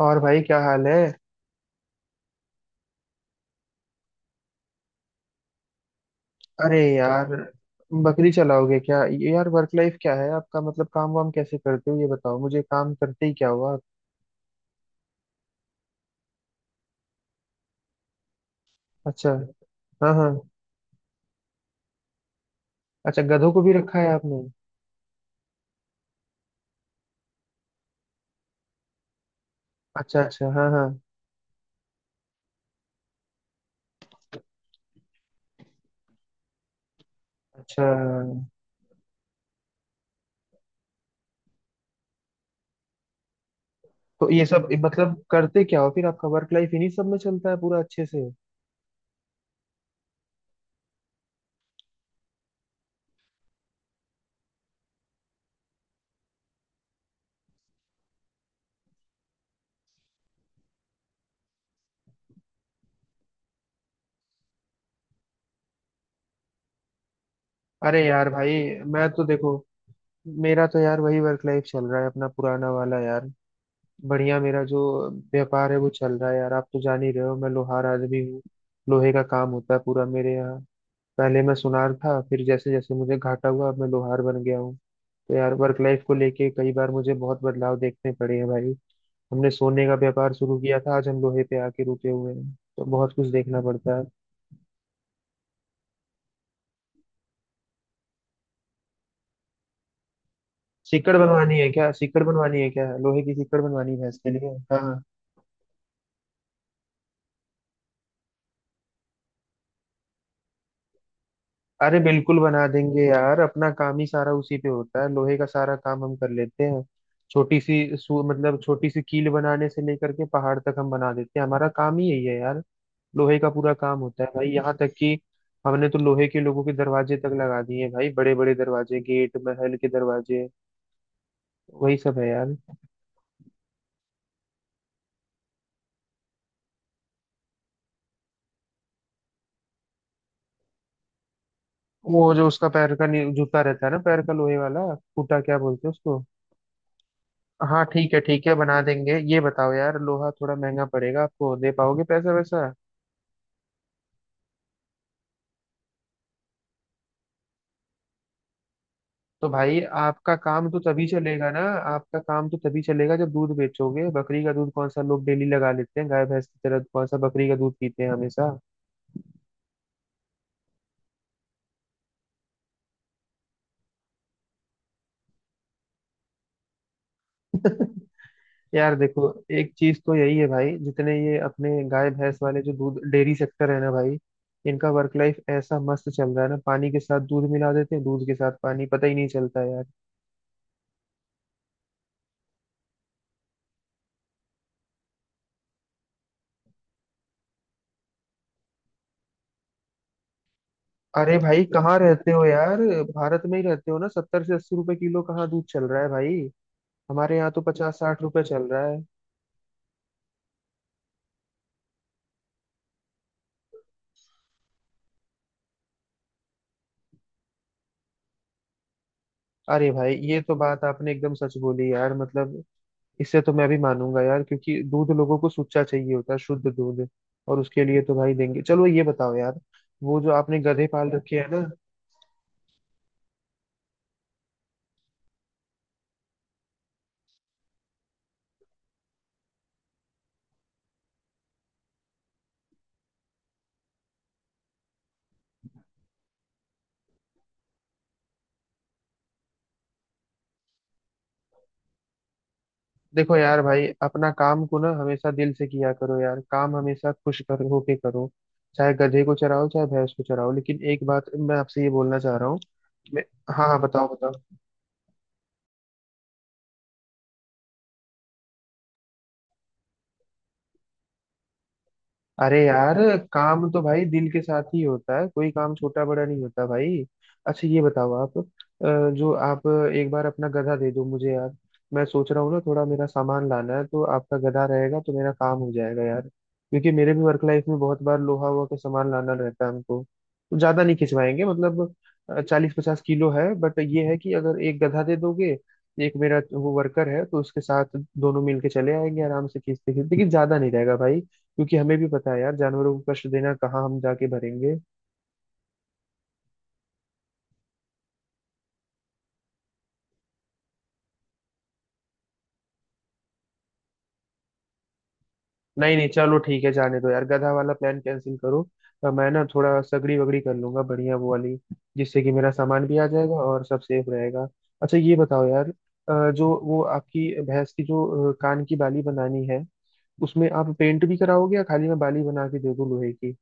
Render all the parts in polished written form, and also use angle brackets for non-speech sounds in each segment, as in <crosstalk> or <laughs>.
और भाई क्या हाल है। अरे यार, बकरी चलाओगे क्या? ये यार वर्क लाइफ क्या है आपका? मतलब काम वाम कैसे करते हो, ये बताओ मुझे। काम करते ही क्या हुआ? अच्छा। हाँ हाँ। अच्छा, गधों को भी रखा है आपने। अच्छा अच्छा, हाँ हाँ। अच्छा, तो ये सब मतलब करते क्या हो फिर? आपका वर्क लाइफ इन्हीं सब में चलता है पूरा अच्छे से? अरे यार भाई, मैं तो देखो, मेरा तो यार वही वर्क लाइफ चल रहा है अपना पुराना वाला यार। बढ़िया। मेरा जो व्यापार है वो चल रहा है यार। आप तो जान ही रहे हो, मैं लोहार आदमी हूँ। लोहे का काम होता है पूरा मेरे यहाँ। पहले मैं सुनार था, फिर जैसे जैसे मुझे घाटा हुआ, अब मैं लोहार बन गया हूँ। तो यार वर्क लाइफ को लेके कई बार मुझे बहुत बदलाव देखने पड़े हैं भाई। हमने सोने का व्यापार शुरू किया था, आज हम लोहे पे आके रुके हुए हैं, तो बहुत कुछ देखना पड़ता है। सीकड़ बनवानी है क्या? सीकड़ बनवानी है क्या? लोहे की सीकड़ बनवानी है भैंस के लिए? हाँ, अरे बिल्कुल बना देंगे यार। अपना काम ही सारा उसी पे होता है, लोहे का सारा काम हम कर लेते हैं। मतलब छोटी सी कील बनाने से लेकर के पहाड़ तक हम बना देते हैं। हमारा काम ही यही है यार। लोहे का पूरा काम होता है भाई। यहाँ तक कि हमने तो लोहे के लोगों के दरवाजे तक लगा दिए हैं भाई। बड़े बड़े दरवाजे, गेट, महल के दरवाजे। वही सब है यार। वो जो उसका पैर का जूता रहता है ना, पैर का लोहे वाला, फूटा क्या बोलते हैं उसको? हाँ ठीक है ठीक है, बना देंगे। ये बताओ यार, लोहा थोड़ा महंगा पड़ेगा, आपको दे पाओगे पैसा वैसा? तो भाई आपका काम तो तभी चलेगा ना। आपका काम तो तभी चलेगा जब दूध बेचोगे। बकरी का दूध कौन सा लोग डेली लगा लेते हैं गाय भैंस की तरह? कौन सा बकरी का दूध पीते हैं हमेशा? <laughs> यार देखो, एक चीज तो यही है भाई, जितने ये अपने गाय भैंस वाले जो दूध डेयरी सेक्टर है ना भाई, इनका वर्क लाइफ ऐसा मस्त चल रहा है ना। पानी के साथ दूध मिला देते हैं, दूध के साथ पानी, पता ही नहीं चलता है यार। अरे भाई, कहाँ रहते हो यार? भारत में ही रहते हो ना? 70 से 80 रुपए किलो कहाँ दूध चल रहा है भाई? हमारे यहाँ तो 50 60 रुपए चल रहा है। अरे भाई, ये तो बात आपने एकदम सच बोली यार। मतलब इससे तो मैं भी मानूंगा यार, क्योंकि दूध लोगों को सुच्चा चाहिए होता है, शुद्ध दूध। और उसके लिए तो भाई देंगे। चलो ये बताओ यार, वो जो आपने गधे पाल रखे हैं ना, देखो यार भाई, अपना काम को ना हमेशा दिल से किया करो यार। काम हमेशा खुश कर होके करो। चाहे गधे को चराओ, चाहे भैंस को चराओ, लेकिन एक बात मैं आपसे ये बोलना चाह रहा हूँ। मैं- हाँ हाँ, बताओ बताओ। अरे यार, काम तो भाई दिल के साथ ही होता है। कोई काम छोटा बड़ा नहीं होता भाई। अच्छा ये बताओ, आप जो आप, एक बार अपना गधा दे दो मुझे यार। मैं सोच रहा हूँ ना, थोड़ा मेरा सामान लाना है, तो आपका गधा रहेगा तो मेरा काम हो जाएगा यार। क्योंकि मेरे भी वर्क लाइफ में बहुत बार लोहा वोहा का सामान लाना रहता है हमको। तो ज्यादा नहीं खिंचवाएंगे, मतलब 40 50 किलो है, बट ये है कि अगर एक गधा दे दोगे, एक मेरा वो वर्कर है, तो उसके साथ दोनों मिलके चले आएंगे आराम से खींचते खींचते। लेकिन ज्यादा नहीं रहेगा भाई, क्योंकि हमें भी पता है यार, जानवरों को कष्ट देना, कहाँ हम जाके भरेंगे। नहीं नहीं, चलो ठीक है, जाने दो यार, गधा वाला प्लान कैंसिल करो। मैं ना थोड़ा सगड़ी वगड़ी कर लूंगा बढ़िया वो वाली, जिससे कि मेरा सामान भी आ जाएगा और सब सेफ रहेगा। अच्छा ये बताओ यार, जो वो आपकी भैंस की जो कान की बाली बनानी है, उसमें आप पेंट भी कराओगे या खाली मैं बाली बना के दे दूं लोहे की?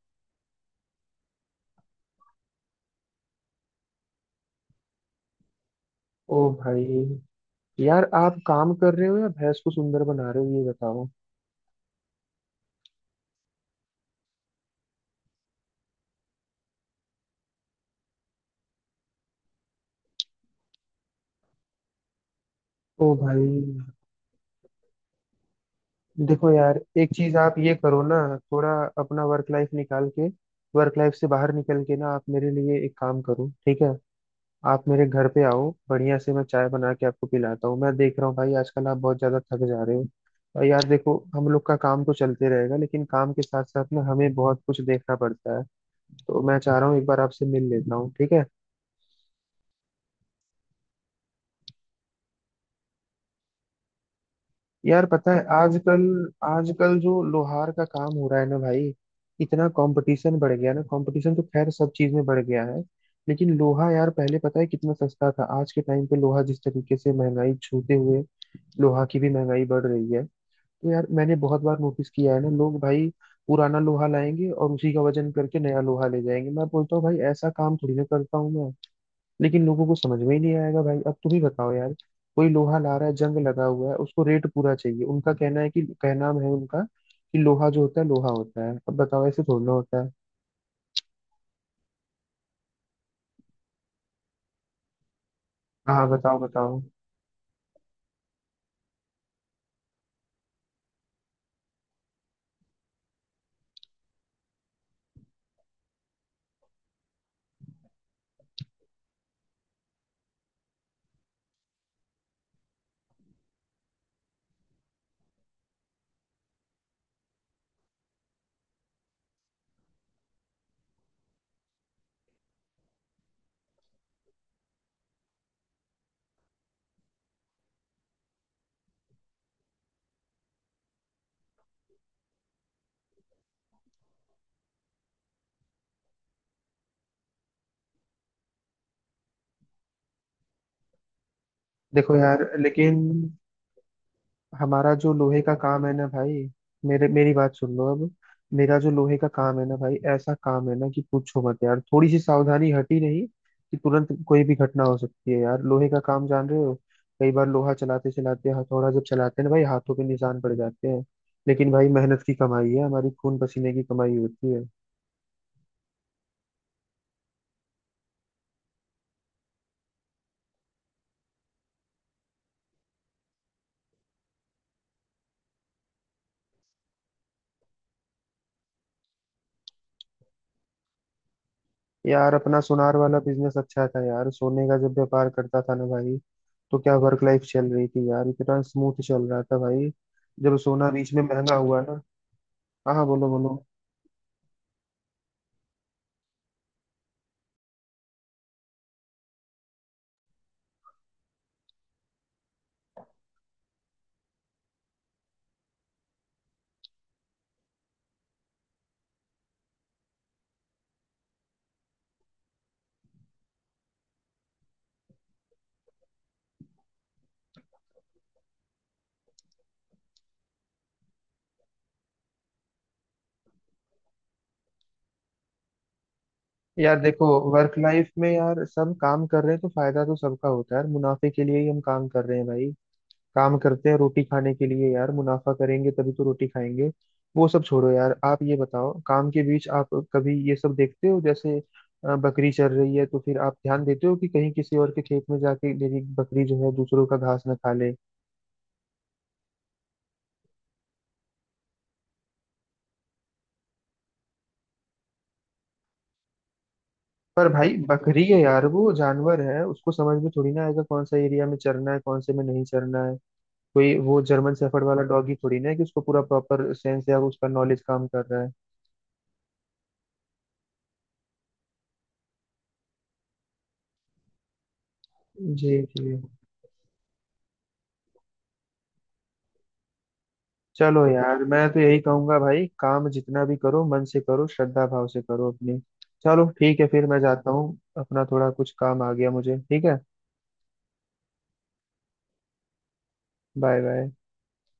ओ भाई, यार आप काम कर रहे हो या भैंस को सुंदर बना रहे हो, ये बताओ? ओ भाई, देखो यार, एक चीज आप ये करो ना, थोड़ा अपना वर्क लाइफ निकाल के, वर्क लाइफ से बाहर निकल के ना आप मेरे लिए एक काम करो, ठीक है? आप मेरे घर पे आओ, बढ़िया से मैं चाय बना के आपको पिलाता हूँ। मैं देख रहा हूँ भाई, आजकल आप बहुत ज्यादा थक जा रहे हो। और यार देखो, हम लोग का काम तो चलते रहेगा, लेकिन काम के साथ साथ ना हमें बहुत कुछ देखना पड़ता है। तो मैं चाह रहा हूँ एक बार आपसे मिल लेता हूँ, ठीक है? यार पता है आजकल, आजकल जो लोहार का काम हो रहा है ना भाई, इतना कंपटीशन बढ़ गया ना। कंपटीशन तो खैर सब चीज में बढ़ गया है। लेकिन लोहा यार, पहले पता है कितना सस्ता था, आज के टाइम पे लोहा जिस तरीके से महंगाई छूते हुए, लोहा की भी महंगाई बढ़ रही है। तो यार मैंने बहुत बार नोटिस किया है ना लोग भाई, पुराना लोहा लाएंगे और उसी का वजन करके नया लोहा ले जाएंगे। मैं बोलता हूँ भाई, ऐसा काम थोड़ी ना करता हूँ मैं। लेकिन लोगों को समझ में ही नहीं आएगा भाई। अब तुम ही बताओ यार, कोई लोहा ला रहा है, जंग लगा हुआ है, उसको रेट पूरा चाहिए। उनका कहना है कि, कहना है उनका कि लोहा जो होता है, लोहा होता है। अब बताओ, ऐसे थोड़ा होता है? हाँ बताओ बताओ। देखो यार लेकिन, हमारा जो लोहे का काम है ना भाई, मेरे मेरी बात सुन लो अब। मेरा जो लोहे का काम है ना भाई, ऐसा काम है ना कि पूछो मत यार। थोड़ी सी सावधानी हटी नहीं कि तुरंत कोई भी घटना हो सकती है यार। लोहे का काम जान रहे हो, कई बार लोहा चलाते चलाते, हथौड़ा जब चलाते हैं ना भाई, हाथों पे निशान पड़ जाते हैं। लेकिन भाई मेहनत की कमाई है, हमारी खून पसीने की कमाई होती है। यार अपना सुनार वाला बिजनेस अच्छा था यार। सोने का जब व्यापार करता था ना भाई, तो क्या वर्क लाइफ चल रही थी यार, इतना स्मूथ चल रहा था भाई। जब सोना बीच में महंगा हुआ ना, हाँ हाँ बोलो बोलो। यार देखो, वर्क लाइफ में यार सब काम कर रहे हैं तो फायदा तो सबका होता है यार। मुनाफे के लिए ही हम काम कर रहे हैं भाई। काम करते हैं रोटी खाने के लिए यार, मुनाफा करेंगे तभी तो रोटी खाएंगे। वो सब छोड़ो यार, आप ये बताओ, काम के बीच आप कभी ये सब देखते हो, जैसे बकरी चर रही है तो फिर आप ध्यान देते हो कि कहीं किसी और के खेत में जाके मेरी बकरी जो है दूसरों का घास ना खा ले? पर भाई बकरी है यार, वो जानवर है, उसको समझ में थोड़ी ना आएगा कौन सा एरिया में चरना है, कौन से में नहीं चरना है। कोई वो जर्मन शेफर्ड वाला डॉगी थोड़ी ना है कि उसको पूरा प्रॉपर सेंस या उसका नॉलेज काम कर रहा है। जी जी। चलो यार, मैं तो यही कहूंगा भाई, काम जितना भी करो मन से करो, श्रद्धा भाव से करो अपनी। चलो ठीक है, फिर मैं जाता हूँ, अपना थोड़ा कुछ काम आ गया मुझे, ठीक है? Bye bye.